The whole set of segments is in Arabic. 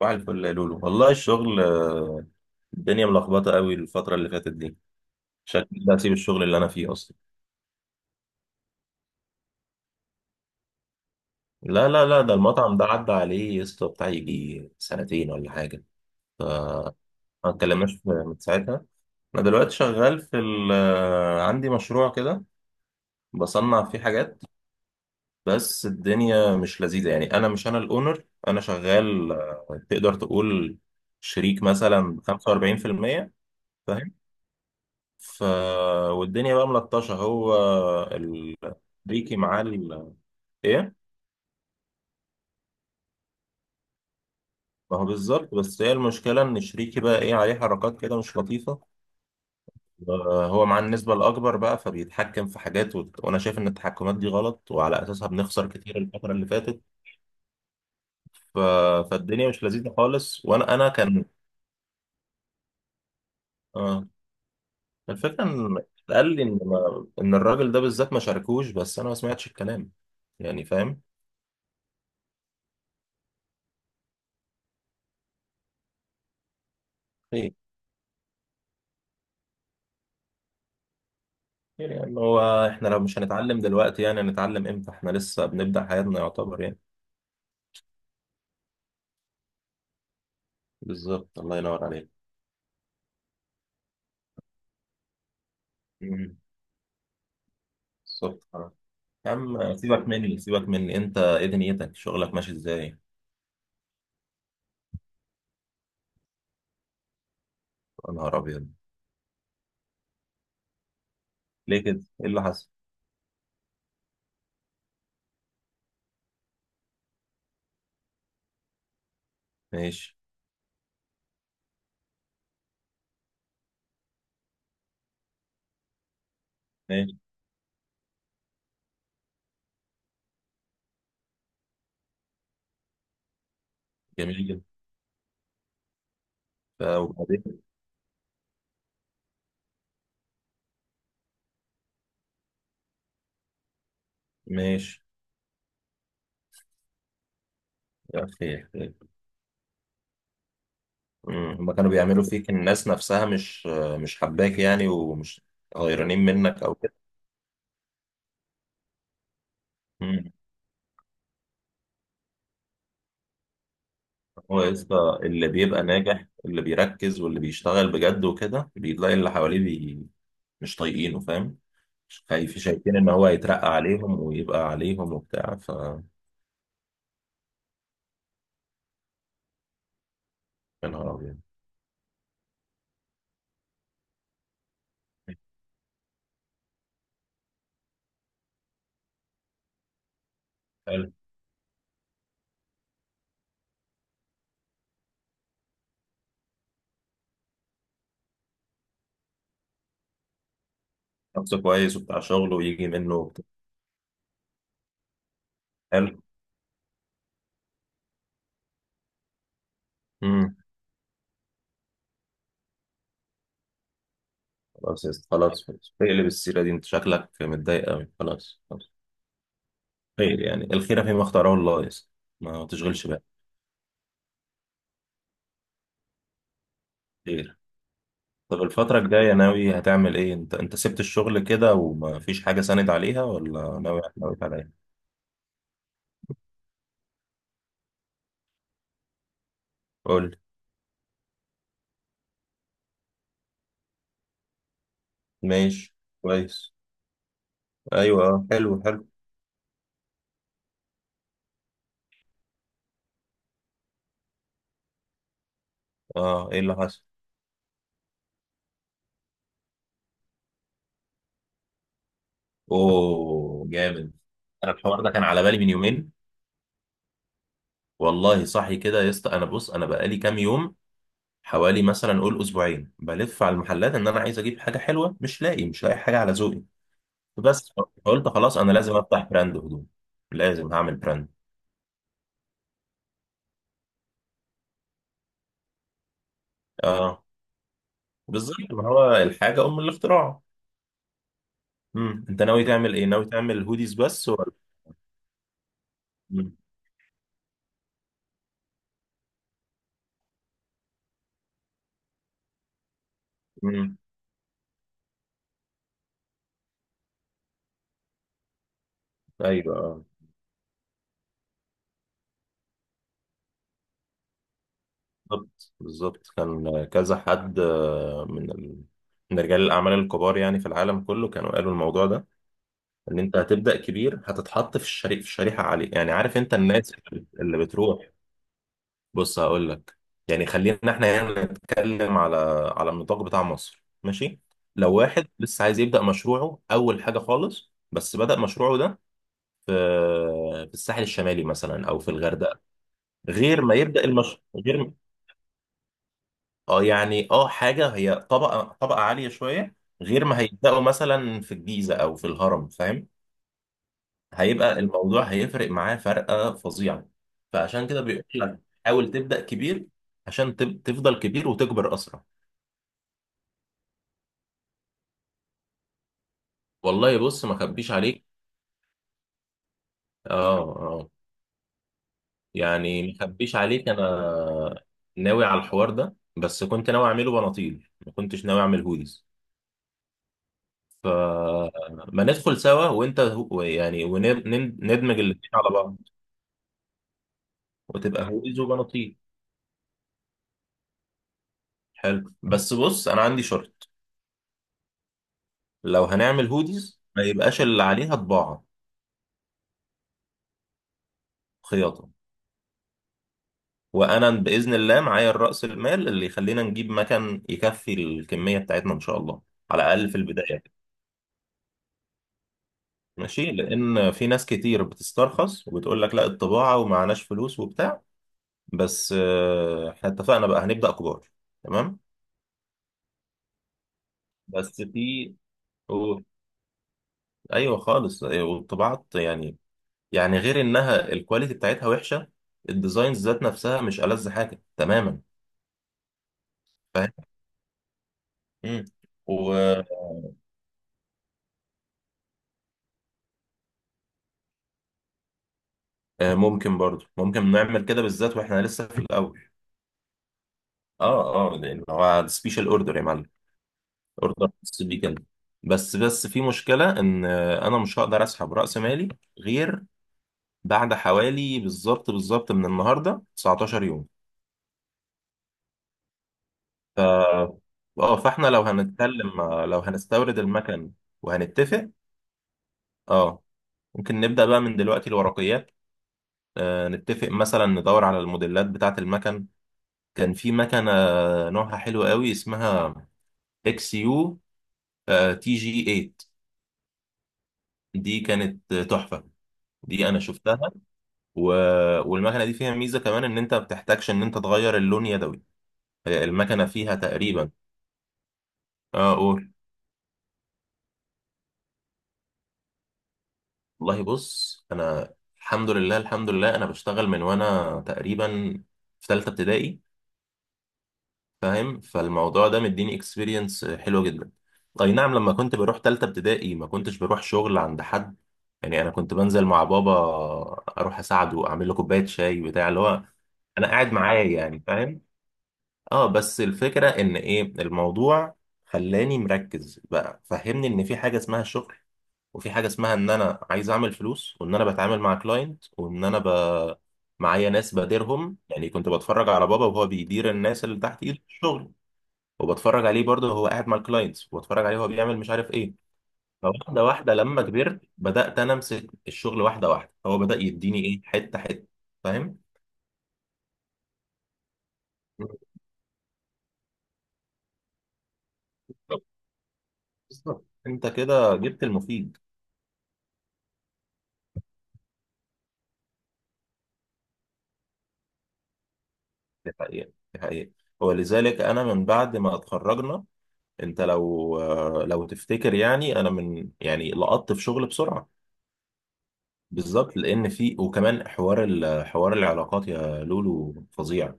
صباح الفل يا لولو، والله الشغل الدنيا ملخبطة قوي الفترة اللي فاتت دي. شكلي ده هسيب الشغل اللي أنا فيه أصلا. لا لا لا، ده المطعم ده عدى عليه يا اسطى بتاع يجي سنتين ولا حاجة. ما اتكلمناش من ساعتها. أنا دلوقتي شغال في ال آه، عندي مشروع كده بصنع فيه حاجات. بس الدنيا مش لذيذة، يعني أنا مش، أنا الأونر، أنا شغال تقدر تقول شريك مثلا 45%. فاهم. ف والدنيا بقى ملطشة، هو شريكي معاه ايه. ما هو بالظبط، بس هي المشكله ان شريكي بقى ايه عليه حركات كده مش لطيفه. هو مع النسبه الاكبر بقى، فبيتحكم في حاجات وانا شايف ان التحكمات دي غلط، وعلى اساسها بنخسر كتير الفتره اللي فاتت. ف... فالدنيا مش لذيذه خالص، وانا كان. آه. الفكره ان قال لي ان ما... ان الراجل ده بالذات ما شاركوش، بس انا ما سمعتش الكلام. يعني فاهم. خير. خير يعني، هو احنا لو مش هنتعلم دلوقتي، يعني هنتعلم امتى؟ احنا لسه بنبدأ حياتنا يعتبر يعني. بالظبط، الله ينور عليك. مم. بالظبط آه. يا عم سيبك مني، سيبك مني، انت ايه دنيتك؟ شغلك ماشي ازاي؟ يا نهار ابيض. ليه كده؟ ايه اللي حصل؟ ماشي. ماشي. جميل جدا. وبعدين. ماشي. يا اخي. مم. هما كانوا بيعملوا فيك الناس نفسها؟ مش حباك يعني؟ ومش غيرانين منك او كده. مم. هو يا اسطى، اللي بيبقى ناجح، اللي بيركز واللي بيشتغل بجد وكده، بيلاقي اللي حواليه مش طايقينه، فاهم. مش خايف شايفين ان هو هيترقى عليهم ويبقى عليهم وبتاع، يا نهار ابيض. حلو. شخص كويس وبتاع شغله ويجي منه بتاع. حلو. امم. خلاص يا اسطى، خلاص خلاص، اقلب السيره دي، انت شكلك متضايق قوي، خلاص خلاص. خير يعني الخير فيما اختاره الله يا اسطى. ما تشغلش بالك. خير. طب الفترة الجاية ناوي هتعمل ايه؟ انت سبت الشغل كده وما فيش حاجة ساند عليها، ولا ناوي على ايه؟ قول. ماشي. كويس. ايوه اه، حلو حلو. اه، ايه اللي حصل؟ اوه جامد. انا الحوار ده كان على بالي من يومين. والله صحي كده يا اسطى، انا بص انا بقالي كام يوم، حوالي مثلا قول اسبوعين بلف على المحلات ان انا عايز اجيب حاجه حلوه، مش لاقي، مش لاقي حاجه على ذوقي. بس. فقلت خلاص انا لازم افتح براند هدوم، لازم هعمل براند. اه. بالظبط، ما هو الحاجه ام الاختراع. امم، انت ناوي تعمل ايه؟ ناوي تعمل هوديز بس ولا؟ امم. أمم. ايوه آه. بالظبط بالظبط، كان كذا حد من رجال الأعمال الكبار يعني في العالم كله كانوا قالوا الموضوع ده، إن أنت هتبدأ كبير هتتحط في الشريحة عالية، يعني عارف أنت الناس اللي بتروح. بص هقول لك، يعني خلينا إحنا هنا نتكلم على النطاق بتاع مصر، ماشي. لو واحد لسه عايز يبدأ مشروعه أول حاجة خالص، بس بدأ مشروعه ده في الساحل الشمالي مثلا أو في الغردقة. غير ما يبدأ المش... غير، اه يعني اه، حاجة هي طبقة عالية شوية. غير ما هيبدأوا مثلا في الجيزة أو في الهرم، فاهم. هيبقى الموضوع، هيفرق معاه فرقة فظيعة. فعشان كده بيقول لك حاول تبدأ كبير، عشان تفضل كبير وتكبر أسرع. والله بص، ما خبيش عليك. اه اه. يعني ما خبيش عليك، أنا ناوي على الحوار ده، بس كنت ناوي أعمله بناطيل، ما كنتش ناوي أعمل هوديز. فما ندخل سوا، وأنت يعني وندمج الاتنين على بعض. وتبقى هوديز وبناطيل. حلو، بس بص انا عندي شرط. لو هنعمل هوديز ما يبقاش اللي عليها طباعة، خياطة. وانا باذن الله معايا الرأس المال اللي يخلينا نجيب مكان يكفي الكمية بتاعتنا ان شاء الله، على الاقل في البداية. ماشي، لان في ناس كتير بتسترخص وبتقول لك لا، الطباعة ومعناش فلوس وبتاع. بس احنا اتفقنا بقى، هنبدأ كبار. تمام. بس في و- ايوه خالص، أيوه، والطباعة يعني، يعني غير انها الكواليتي بتاعتها وحشه، الديزاينز ذات نفسها مش ألذ حاجه تماما، فاهم. مم. وممكن، برضو ممكن نعمل كده، بالذات واحنا لسه في الاول. اه اه، لان هو سبيشال اوردر يا معلم، اوردر خاص بيه كده. بس في مشكله ان انا مش هقدر اسحب راس مالي، غير بعد حوالي بالظبط بالظبط من النهارده 19 يوم. ف اه، فاحنا لو هنتكلم لو هنستورد المكن وهنتفق. اه ممكن نبدأ بقى من دلوقتي الورقيات. آه نتفق مثلا، ندور على الموديلات بتاعة المكن. كان في مكنة نوعها حلو قوي، اسمها اكس يو تي جي 8. دي كانت تحفة. دي انا شفتها. و... والمكنة دي فيها ميزة كمان، ان انت ما بتحتاجش ان انت تغير اللون يدوي. المكنة فيها تقريبا. اه قول. والله بص، انا الحمد لله الحمد لله، انا بشتغل من وانا تقريبا في ثالثة ابتدائي. فاهم، فالموضوع ده مديني اكسبيرينس حلوه جدا. اي نعم، لما كنت بروح تالتة ابتدائي ما كنتش بروح شغل عند حد، يعني انا كنت بنزل مع بابا، اروح اساعده، اعمل له كوبايه شاي بتاع، اللي هو انا قاعد معاه يعني، فاهم. اه، بس الفكره ان ايه الموضوع، خلاني مركز بقى، فهمني ان في حاجه اسمها الشغل، وفي حاجه اسمها ان انا عايز اعمل فلوس، وان انا بتعامل مع كلاينت، وان انا معايا ناس بديرهم، يعني كنت بتفرج على بابا وهو بيدير الناس اللي تحت ايده في الشغل، وبتفرج عليه برضه هو قاعد مع الكلاينتس، وبتفرج عليه هو بيعمل مش عارف ايه. فواحده واحده لما كبرت بدات انا امسك الشغل، واحده واحده هو بدا يديني ايه، حته حته، فاهم. بالظبط بالظبط. انت كده جبت المفيد. دي حقيقه، دي حقيقه. ولذلك انا من بعد ما اتخرجنا، انت لو تفتكر، يعني انا من يعني لقطت في شغل بسرعه. بالظبط، لان في وكمان حوار حوار العلاقات يا لولو فظيع.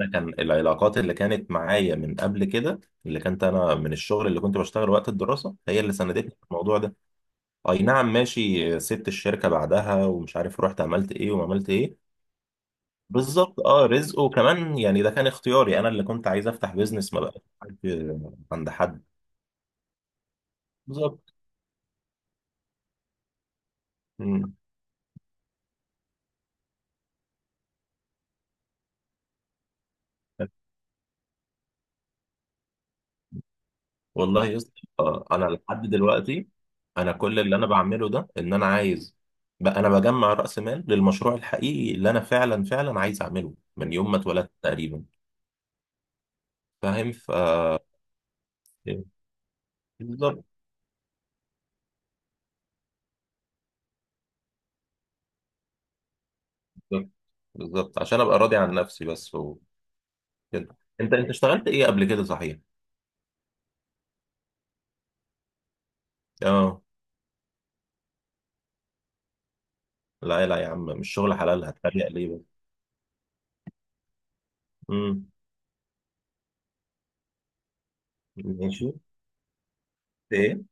أنا كان العلاقات اللي كانت معايا من قبل كده، اللي كانت انا من الشغل اللي كنت بشتغل وقت الدراسه، هي اللي ساندتني في الموضوع ده. اي نعم ماشي، سبت الشركه بعدها، ومش عارف رحت عملت ايه وما عملت ايه. بالظبط، اه رزق، وكمان يعني ده كان اختياري، انا اللي كنت عايز افتح بيزنس، ما بقاش عارف عند حد. بالظبط. مم. والله يا اسطى، انا لحد دلوقتي، انا كل اللي انا بعمله ده ان انا عايز بقى، انا بجمع راس مال للمشروع الحقيقي اللي انا فعلا فعلا عايز اعمله من يوم ما اتولدت تقريبا. فاهم بالظبط بالظبط. بالظبط. عشان ابقى راضي عن نفسي بس وكده. انت اشتغلت ايه قبل كده، صحيح. اه. لا لا يا عم، مش شغل حلال هتريق ليه بس. امم. ماشي. ايه.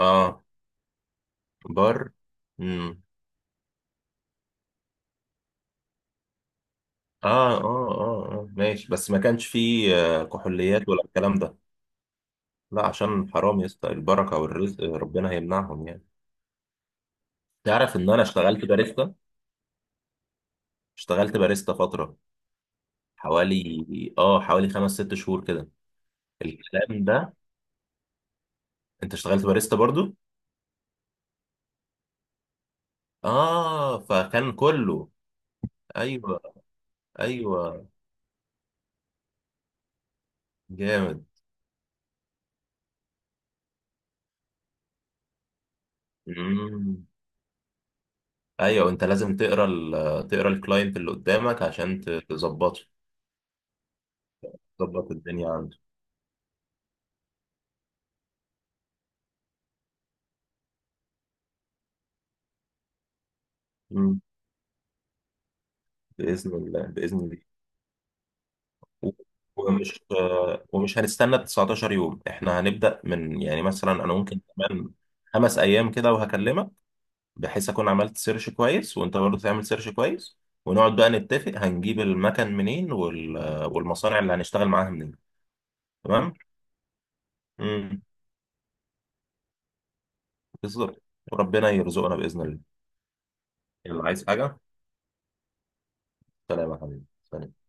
اه. بار. اه اه، اه اه ماشي، بس ما كانش فيه كحوليات ولا الكلام ده. لا، عشان حرام يا اسطى، البركه والرزق ربنا هيمنعهم يعني. تعرف ان انا اشتغلت باريستا، اشتغلت باريستا فتره حوالي، اه حوالي خمس ست شهور كده. الكلام ده. انت اشتغلت باريستا برضو. اه، فكان كله. ايوه. ايوه. جامد. مم. ايوه، انت لازم تقرا تقرا الكلاينت اللي قدامك عشان تظبطه. تظبط الدنيا عنده. مم. بإذن الله بإذن الله. ومش ومش هنستنى 19 يوم، احنا هنبدأ من يعني مثلا انا ممكن كمان خمس ايام كده وهكلمك. بحيث اكون عملت سيرش كويس، وانت برضه تعمل سيرش كويس. ونقعد بقى نتفق، هنجيب المكان منين، والمصانع اللي هنشتغل معاها منين. تمام. امم. بالظبط، وربنا يرزقنا بإذن الله. يلا عايز حاجة؟ سلام يا حبيبي، سلام.